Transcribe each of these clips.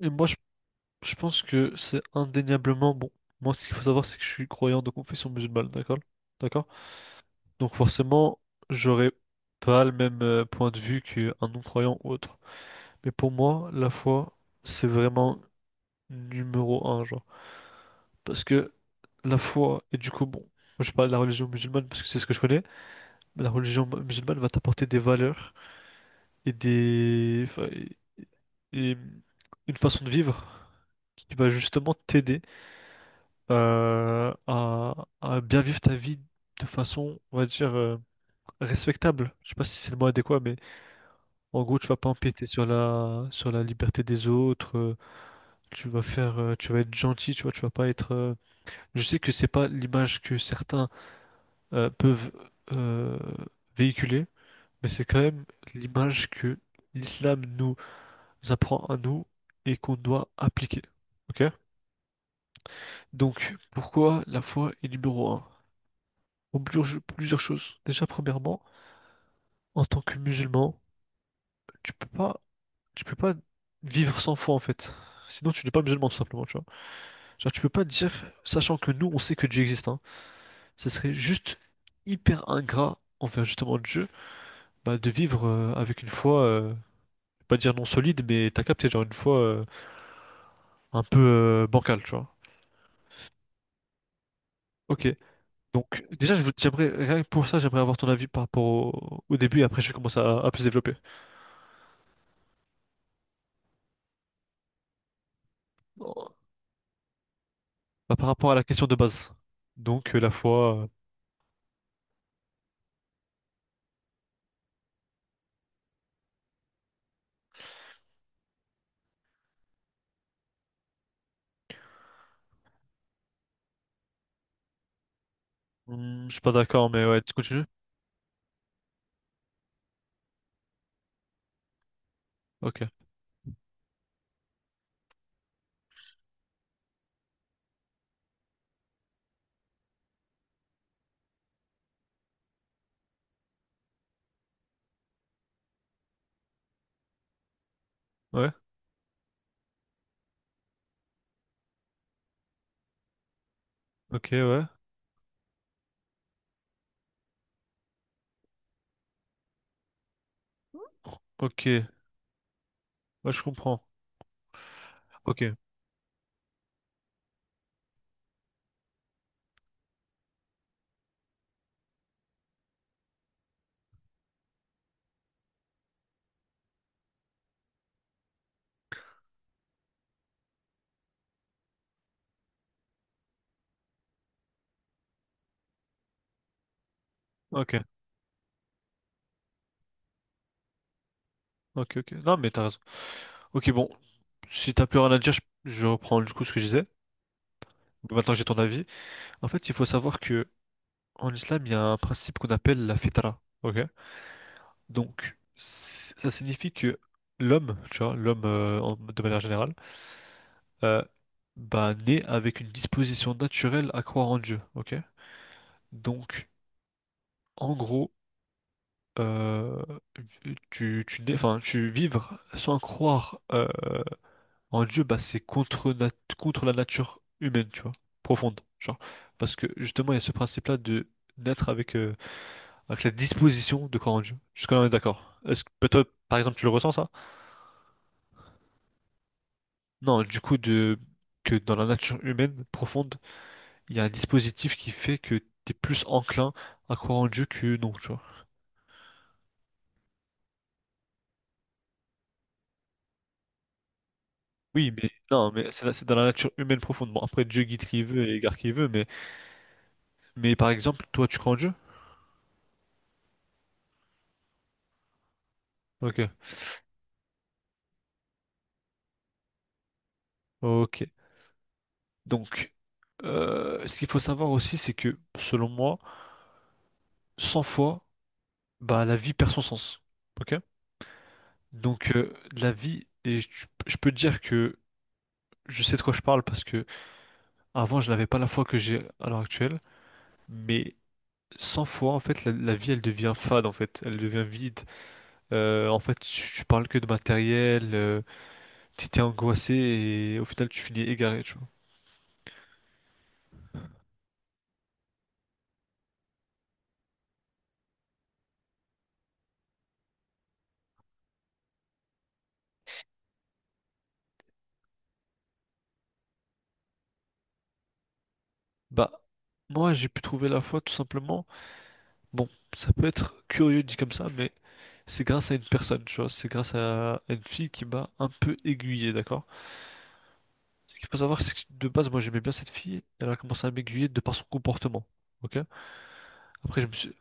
Et moi, je pense que c'est indéniablement bon. Moi, ce qu'il faut savoir, c'est que je suis croyant de confession musulmane, d'accord? D'accord? Donc, forcément, j'aurais pas le même point de vue qu'un non-croyant ou autre. Mais pour moi, la foi, c'est vraiment numéro un, genre. Parce que la foi, et du coup, bon, moi, je parle de la religion musulmane parce que c'est ce que je connais, mais la religion musulmane va t'apporter des valeurs et des. Enfin, et une façon de vivre qui va justement t'aider. euh, à, à bien vivre ta vie de façon, on va dire, respectable. Je sais pas si c'est le mot adéquat, mais en gros, tu vas pas empiéter sur la liberté des autres. Tu vas faire, tu vas être gentil, tu vois, tu vas pas être. Je sais que c'est pas l'image que certains peuvent euh, véhiculer, mais c'est quand même l'image que l'islam nous apprend à nous et qu'on doit appliquer. Ok? Donc, pourquoi la foi est numéro un? Pour plusieurs choses. Déjà, premièrement, en tant que musulman, tu peux pas, tu peux pas vivre sans foi en fait. Sinon, tu n'es pas musulman tout simplement, tu vois. Genre, tu peux pas dire, sachant que nous, on sait que Dieu existe, hein, ce serait juste hyper ingrat envers justement Dieu, bah, de vivre avec une foi, pas dire non solide, mais t'as capté, genre une foi un peu bancale, tu vois. Ok. Donc, déjà, j'aimerais, rien que pour ça, j'aimerais avoir ton avis par rapport au début et après, je vais commencer à plus développer. Bah, par rapport à la question de base. Donc, la foi, je suis pas d'accord, mais ouais, tu continues? Ok. Ouais. Ok, ouais. Ok. Ouais, je comprends. Ok. Ok. Ok, ok. Non, mais t'as raison. Ok, bon. Si t'as plus rien à dire, je reprends du coup ce que je disais. Maintenant que j'ai ton avis. En fait, il faut savoir que en islam, il y a un principe qu'on appelle la fitra. Ok? Donc, ça signifie que l'homme, tu vois, l'homme de manière générale, euh, bah, naît avec une disposition naturelle à croire en Dieu. Ok? Donc, en gros, euh, enfin, tu vivre sans croire en Dieu, bah, c'est contre, contre la nature humaine, tu vois, profonde. Genre, parce que justement, il y a ce principe-là de naître avec la disposition de croire en Dieu. Jusqu'à là, on est d'accord. Est-ce que bah, toi, par exemple, tu le ressens, ça? Non, du coup, que dans la nature humaine profonde, il y a un dispositif qui fait que tu es plus enclin à croire en Dieu que non, tu vois. Oui, mais non, mais c'est dans la nature humaine profonde. Bon, après, Dieu guide qui veut et égarde qui veut, mais par exemple, toi, tu crois en Dieu? Ok. Ok. Donc, ce qu'il faut savoir aussi, c'est que, selon moi, sans foi, bah, la vie perd son sens. Ok? Donc, la vie, et je peux te dire que je sais de quoi je parle parce que avant, je n'avais pas la foi que j'ai à l'heure actuelle, mais sans foi, en fait, la vie, elle devient fade, en fait. Elle devient vide. En fait, tu parles que de matériel. T'étais angoissé et au final tu finis égaré, tu vois. Bah, moi j'ai pu trouver la foi tout simplement. Bon, ça peut être curieux dit comme ça, mais c'est grâce à une personne, tu vois. C'est grâce à une fille qui m'a un peu aiguillé, d'accord? Ce qu'il faut savoir, c'est que de base, moi j'aimais bien cette fille. Elle a commencé à m'aiguiller de par son comportement, ok? Après, je me suis.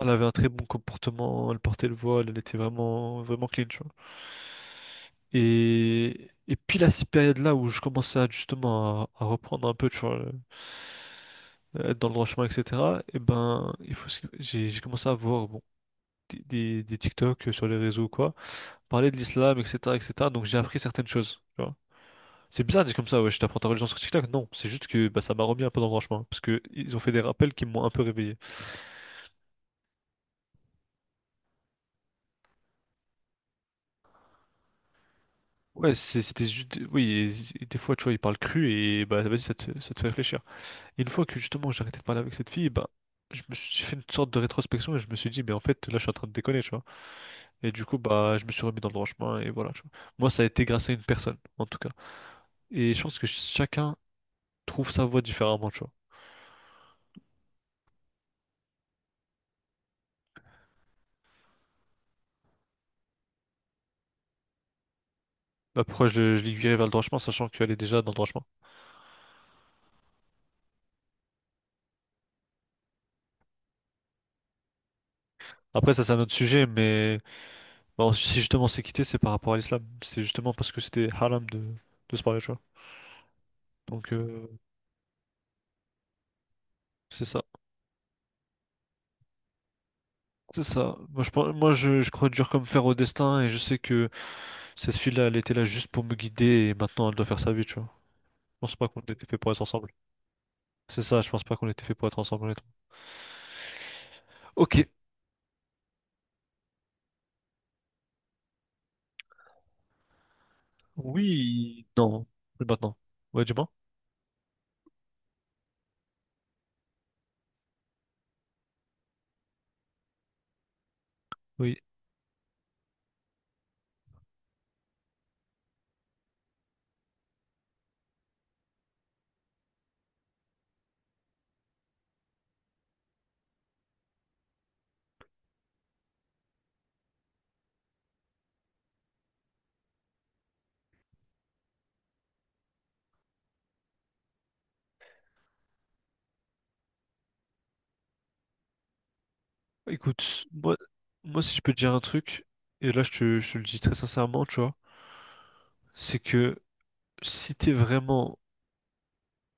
Elle avait un très bon comportement, elle portait le voile, elle était vraiment, vraiment clean, tu vois. Et puis, la période là où je commençais à, justement à reprendre un peu, tu vois, être dans le droit chemin, etc. Et ben, il faut. J'ai commencé à voir bon, des TikTok sur les réseaux ou quoi, parler de l'islam, etc., etc. Donc j'ai appris certaines choses. Tu vois. C'est bizarre de dire comme ça, ouais, je t'apprends ta religion sur TikTok. Non, c'est juste que bah, ça m'a remis un peu dans le droit chemin, parce que ils ont fait des rappels qui m'ont un peu réveillé. Ouais, c'était juste, oui, et des fois, tu vois, ils parlent cru et bah vas-y, ça te fait réfléchir. Et une fois que justement j'ai arrêté de parler avec cette fille, bah, je me suis j'ai fait une sorte de rétrospection et je me suis dit, mais en fait, là, je suis en train de déconner, tu vois. Et du coup, bah, je me suis remis dans le droit chemin et voilà. Tu vois. Moi, ça a été grâce à une personne, en tout cas. Et je pense que chacun trouve sa voie différemment, tu vois. Bah, pourquoi je l'aiguillais vers le droit chemin, sachant qu'elle est déjà dans le droit chemin. Après, ça, c'est un autre sujet, mais bah, si justement c'est quitté, c'est par rapport à l'islam. C'est justement parce que c'était haram de se parler, tu vois. Donc, c'est ça. C'est ça. Moi, je crois dur comme fer au destin et je sais que cette fille-là, elle était là juste pour me guider et maintenant elle doit faire sa vie, tu vois. Je pense pas qu'on était fait pour être ensemble. C'est ça, je pense pas qu'on était fait pour être ensemble, honnêtement. Ok, oui, non, plus maintenant. Ouais, du moins. Oui. Écoute, moi, si je peux te dire un truc, et là, je te le dis très sincèrement, tu vois, c'est que si t'es vraiment,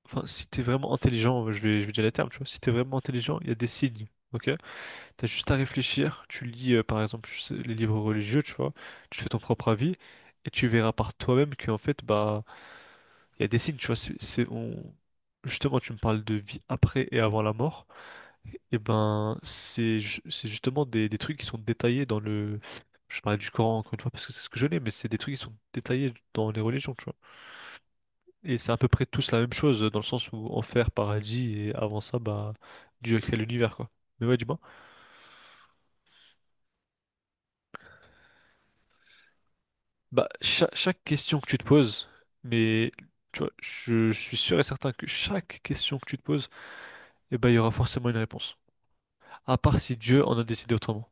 enfin, si t'es vraiment intelligent, je vais dire les termes, tu vois, si t'es vraiment intelligent, il y a des signes, ok? T'as juste à réfléchir, tu lis, par exemple, je sais, les livres religieux, tu vois, tu fais ton propre avis, et tu verras par toi-même qu'en fait, bah, il y a des signes, tu vois. Justement, tu me parles de vie après et avant la mort. Et ben, c'est justement des trucs qui sont détaillés dans le. Je parlais du Coran encore une fois parce que c'est ce que je l'ai, mais c'est des trucs qui sont détaillés dans les religions, tu vois. Et c'est à peu près tous la même chose dans le sens où enfer, paradis, et avant ça, bah, Dieu a créé l'univers, quoi. Mais ouais, dis-moi. Bah, chaque question que tu te poses, mais tu vois, je suis sûr et certain que chaque question que tu te poses, eh ben, il y aura forcément une réponse. À part si Dieu en a décidé autrement.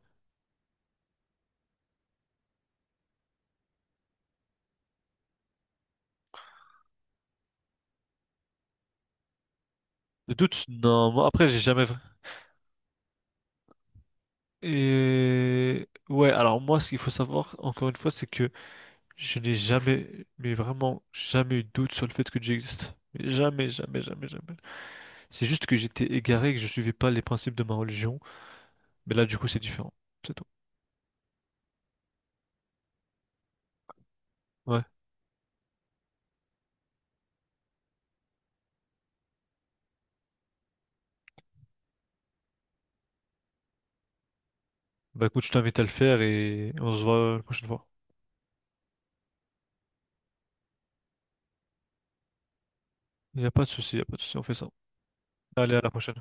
Le doute, non, moi, après, j'ai jamais. Et ouais, alors moi, ce qu'il faut savoir, encore une fois, c'est que je n'ai jamais, mais vraiment jamais eu de doute sur le fait que Dieu existe. Mais jamais, jamais, jamais, jamais. C'est juste que j'étais égaré, et que je suivais pas les principes de ma religion. Mais là, du coup, c'est différent. C'est tout. Ouais. Bah écoute, je t'invite à le faire et on se voit la prochaine fois. Il n'y a pas de souci, il n'y a pas de souci, on fait ça. Allez, à la prochaine.